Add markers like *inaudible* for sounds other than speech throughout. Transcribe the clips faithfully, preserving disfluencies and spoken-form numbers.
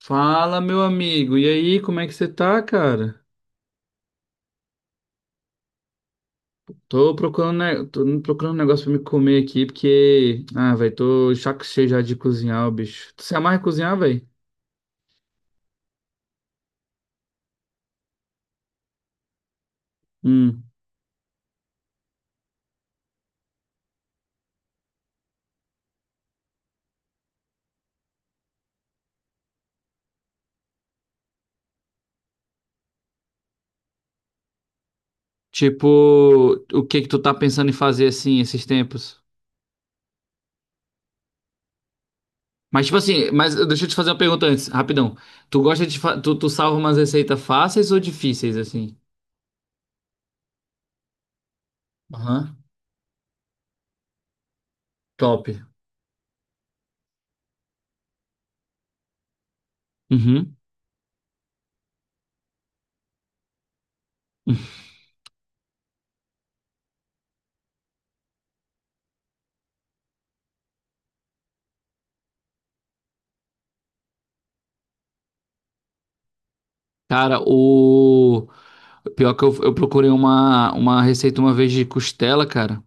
Fala, meu amigo. E aí, como é que você tá, cara? Tô procurando, ne- tô procurando um negócio pra me comer aqui, porque. Ah, velho, tô chaco cheio já de cozinhar, o bicho. Tu se amarra em cozinhar, velho? Hum. Tipo, o que que tu tá pensando em fazer assim esses tempos? Mas, tipo assim, mas deixa eu te fazer uma pergunta antes, rapidão. Tu gosta de. Fa- Tu, tu salva umas receitas fáceis ou difíceis, assim? Aham. Top. Uhum. *laughs* Cara, o pior que eu, eu procurei uma, uma receita uma vez de costela, cara,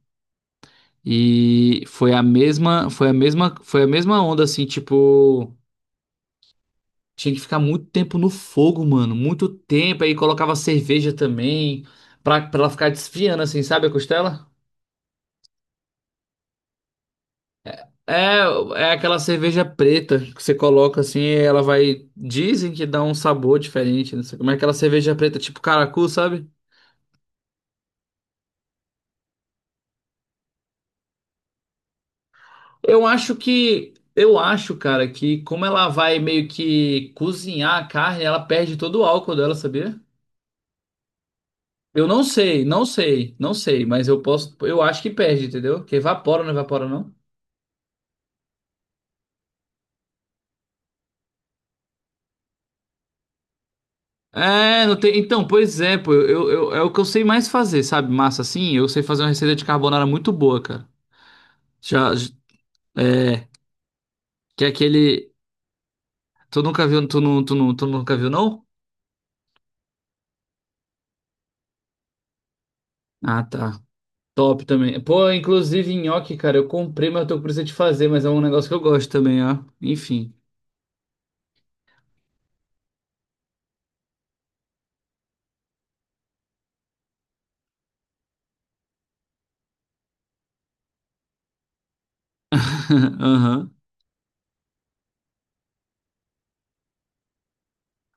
e foi a mesma, foi a mesma, foi a mesma onda assim, tipo, tinha que ficar muito tempo no fogo, mano, muito tempo, aí colocava cerveja também pra, pra ela ficar desfiando assim, sabe a costela? É, é aquela cerveja preta que você coloca assim, e ela vai, dizem que dá um sabor diferente, não sei como é aquela cerveja preta, tipo caracu, sabe? Eu acho que, eu acho, cara, que como ela vai meio que cozinhar a carne, ela perde todo o álcool dela, sabia? Eu não sei, não sei, não sei, mas eu posso, eu acho que perde, entendeu? Que evapora, não evapora, não? É, não tem. Então, pois é, pô, eu, eu- é o que eu sei mais fazer, sabe? Massa assim, eu sei fazer uma receita de carbonara muito boa, cara. Já, j- é, que é aquele. Tu nunca viu, tu não, tu não, tu nunca viu, não? Ah, tá. Top também. Pô, inclusive nhoque, cara, eu comprei, mas eu tô com preguiça de fazer, mas é um negócio que eu gosto também, ó. Enfim. *laughs* Aham.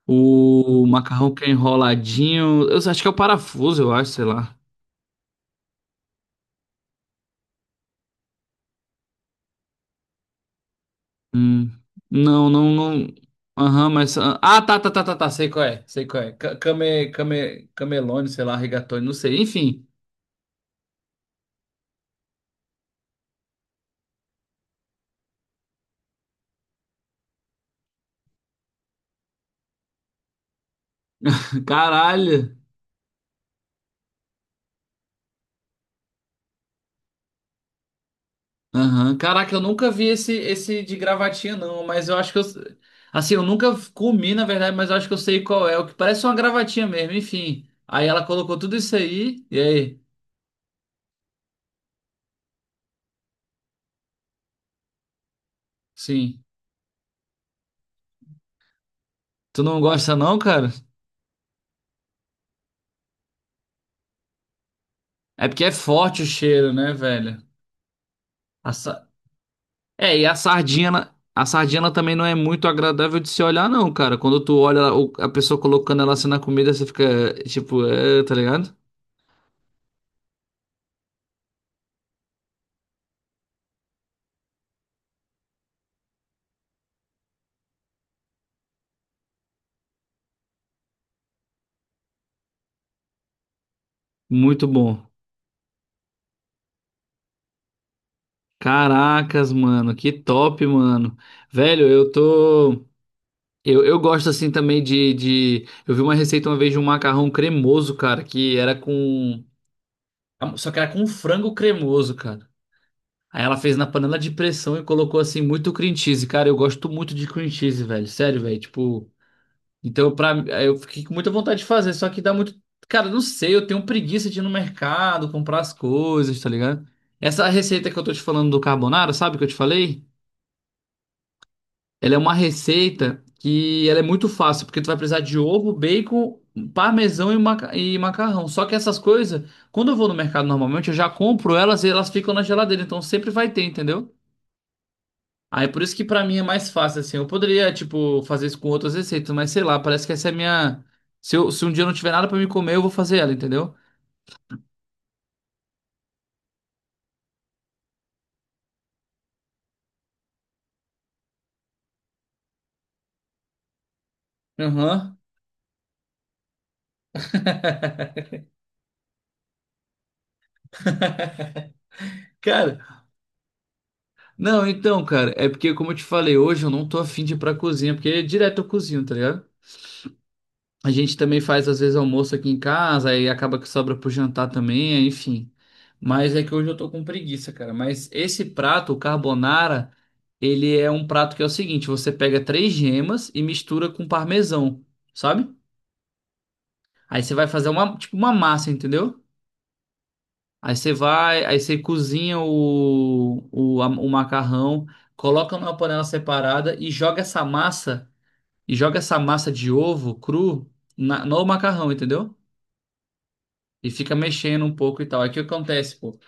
O macarrão que é enroladinho. Eu acho que é o parafuso, eu acho, sei lá. Hum. Não, não, não. Aham, mas. Ah, ah, tá, tá, tá, tá, tá. Sei qual é. Sei qual é. Ca- Came, came, camelone, sei lá, rigatoni, não sei. Enfim. *laughs* Caralho. Aham. Caraca, eu nunca vi esse, esse de gravatinha, não, mas eu acho que eu. Assim, eu nunca comi, na verdade, mas eu acho que eu sei qual é. O que parece uma gravatinha mesmo, enfim. Aí ela colocou tudo isso aí, e aí? Sim. Tu não gosta, não, cara? É porque é forte o cheiro, né, velho? A sa- É, e a sardinha, na- a sardinha ela também não é muito agradável de se olhar, não, cara. Quando tu olha o- a pessoa colocando ela assim na comida, você fica, tipo, é, tá ligado? Muito bom. Caracas, mano, que top, mano. Velho, eu tô. Eu, eu gosto assim também de, de. Eu vi uma receita uma vez de um macarrão cremoso, cara, que era com. Só que era com frango cremoso, cara. Aí ela fez na panela de pressão e colocou assim muito cream cheese. Cara, eu gosto muito de cream cheese, velho. Sério, velho. Tipo. Então, pra... aí eu fiquei com muita vontade de fazer, só que dá muito. Cara, não sei, eu tenho preguiça de ir no mercado, comprar as coisas, tá ligado? Essa receita que eu tô te falando do carbonara, sabe que eu te falei? Ela é uma receita que ela é muito fácil, porque tu vai precisar de ovo, bacon, parmesão e, maca- e macarrão. Só que essas coisas, quando eu vou no mercado normalmente, eu já compro elas e elas ficam na geladeira, então sempre vai ter, entendeu? Aí por isso que pra mim é mais fácil assim. Eu poderia, tipo, fazer isso com outras receitas, mas sei lá, parece que essa é a minha se eu- se um dia eu não tiver nada pra me comer, eu vou fazer ela, entendeu? Aham. Cara, não, então, cara, é porque como eu te falei, hoje eu não tô afim de ir pra cozinha, porque direto eu cozinho, tá ligado? A gente também faz às vezes almoço aqui em casa, aí acaba que sobra pro jantar também, é, enfim. Mas é que hoje eu tô com preguiça, cara. Mas esse prato, o carbonara, ele é um prato que é o seguinte: você pega três gemas e mistura com parmesão, sabe? Aí você vai fazer uma, tipo, uma massa, entendeu? Aí você vai, aí você cozinha o, o, a- o macarrão, coloca numa panela separada e joga essa massa, e joga essa massa de ovo cru na- no macarrão, entendeu? E fica mexendo um pouco e tal. Aí o que acontece, pô?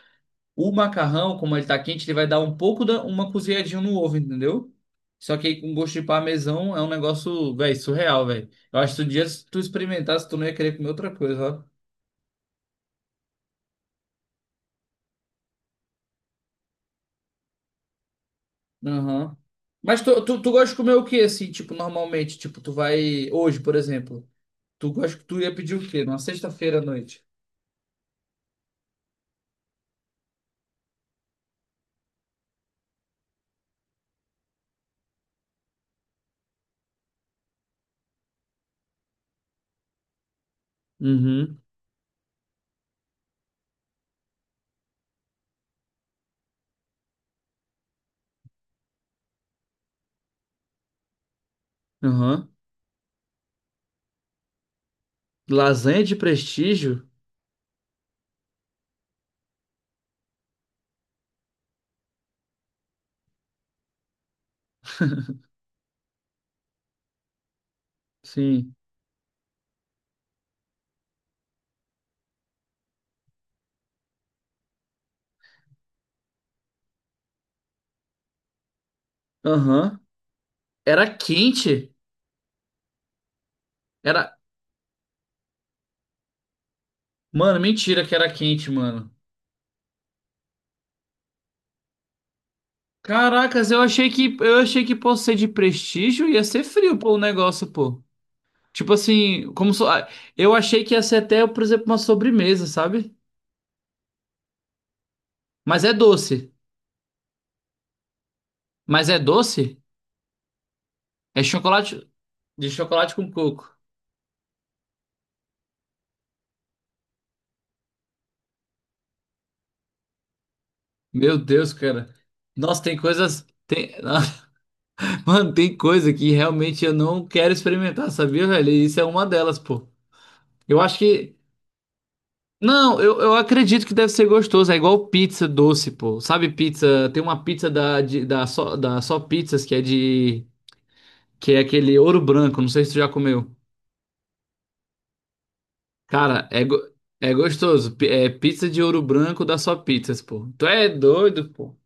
O macarrão, como ele tá quente, ele vai dar um pouco da uma cozinhadinha no ovo, entendeu? Só que aí com gosto de parmesão é um negócio, velho, surreal, velho. Eu acho que um dia se tu experimentasse, tu não ia querer comer outra coisa, ó. Aham. Mas tu, tu, tu gosta de comer o quê, assim, tipo, normalmente? Tipo, tu vai. Hoje, por exemplo. Tu gosta que tu ia pedir o quê? Numa sexta-feira à noite. Uhum. Aham. Lasanha de prestígio? Sim. Aham. Era quente? Era, mano, mentira que era quente, mano. Caracas, eu achei que eu achei que por ser de prestígio ia ser frio, pô, o negócio, pô. Tipo assim, como so... ah, eu achei que ia ser até, por exemplo, uma sobremesa, sabe? Mas é doce. Mas é doce? É chocolate de chocolate com coco. Meu Deus, cara. Nossa, tem coisas tem... *laughs* Mano, tem coisa que realmente eu não quero experimentar, sabia, velho? E isso é uma delas, pô. Eu acho que Não, eu, eu acredito que deve ser gostoso. É igual pizza doce, pô. Sabe pizza? Tem uma pizza da, de- da, só, da Só Pizzas que é de. Que é aquele ouro branco. Não sei se tu já comeu. Cara, é, go- é gostoso. Pi- É pizza de ouro branco da Só Pizzas, pô. Tu é doido, pô.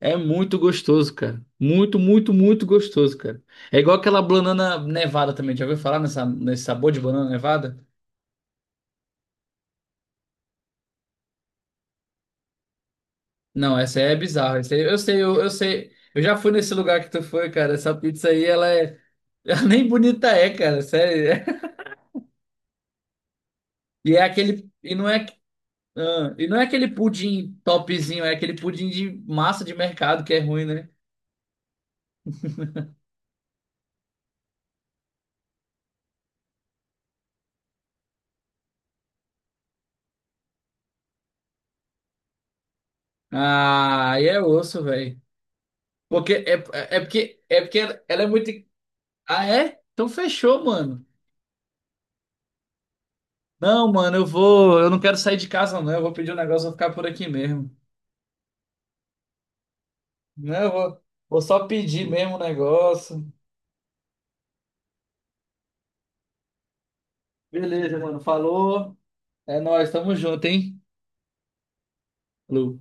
É muito gostoso, cara. Muito, muito, muito gostoso, cara. É igual aquela banana nevada também. Já ouviu falar nessa, nesse sabor de banana nevada? Não, essa aí é bizarra. Essa aí, eu sei, eu, eu sei. Eu já fui nesse lugar que tu foi, cara. Essa pizza aí, ela é. *laughs* Ela nem bonita é, cara. Sério. *laughs* E é aquele. E não é. Ah, e não é aquele pudim topzinho, é aquele pudim de massa de mercado que é ruim, né? Ah, aí é osso, velho. Porque é, é é porque é porque ela ela é muito. Ah, é? Então fechou, mano. Não, mano, eu vou. Eu não quero sair de casa, não. Eu vou pedir um negócio, vou ficar por aqui mesmo. Não, eu vou, vou só pedir mesmo o negócio. Beleza, mano. Falou. É nóis, tamo junto, hein? Falou.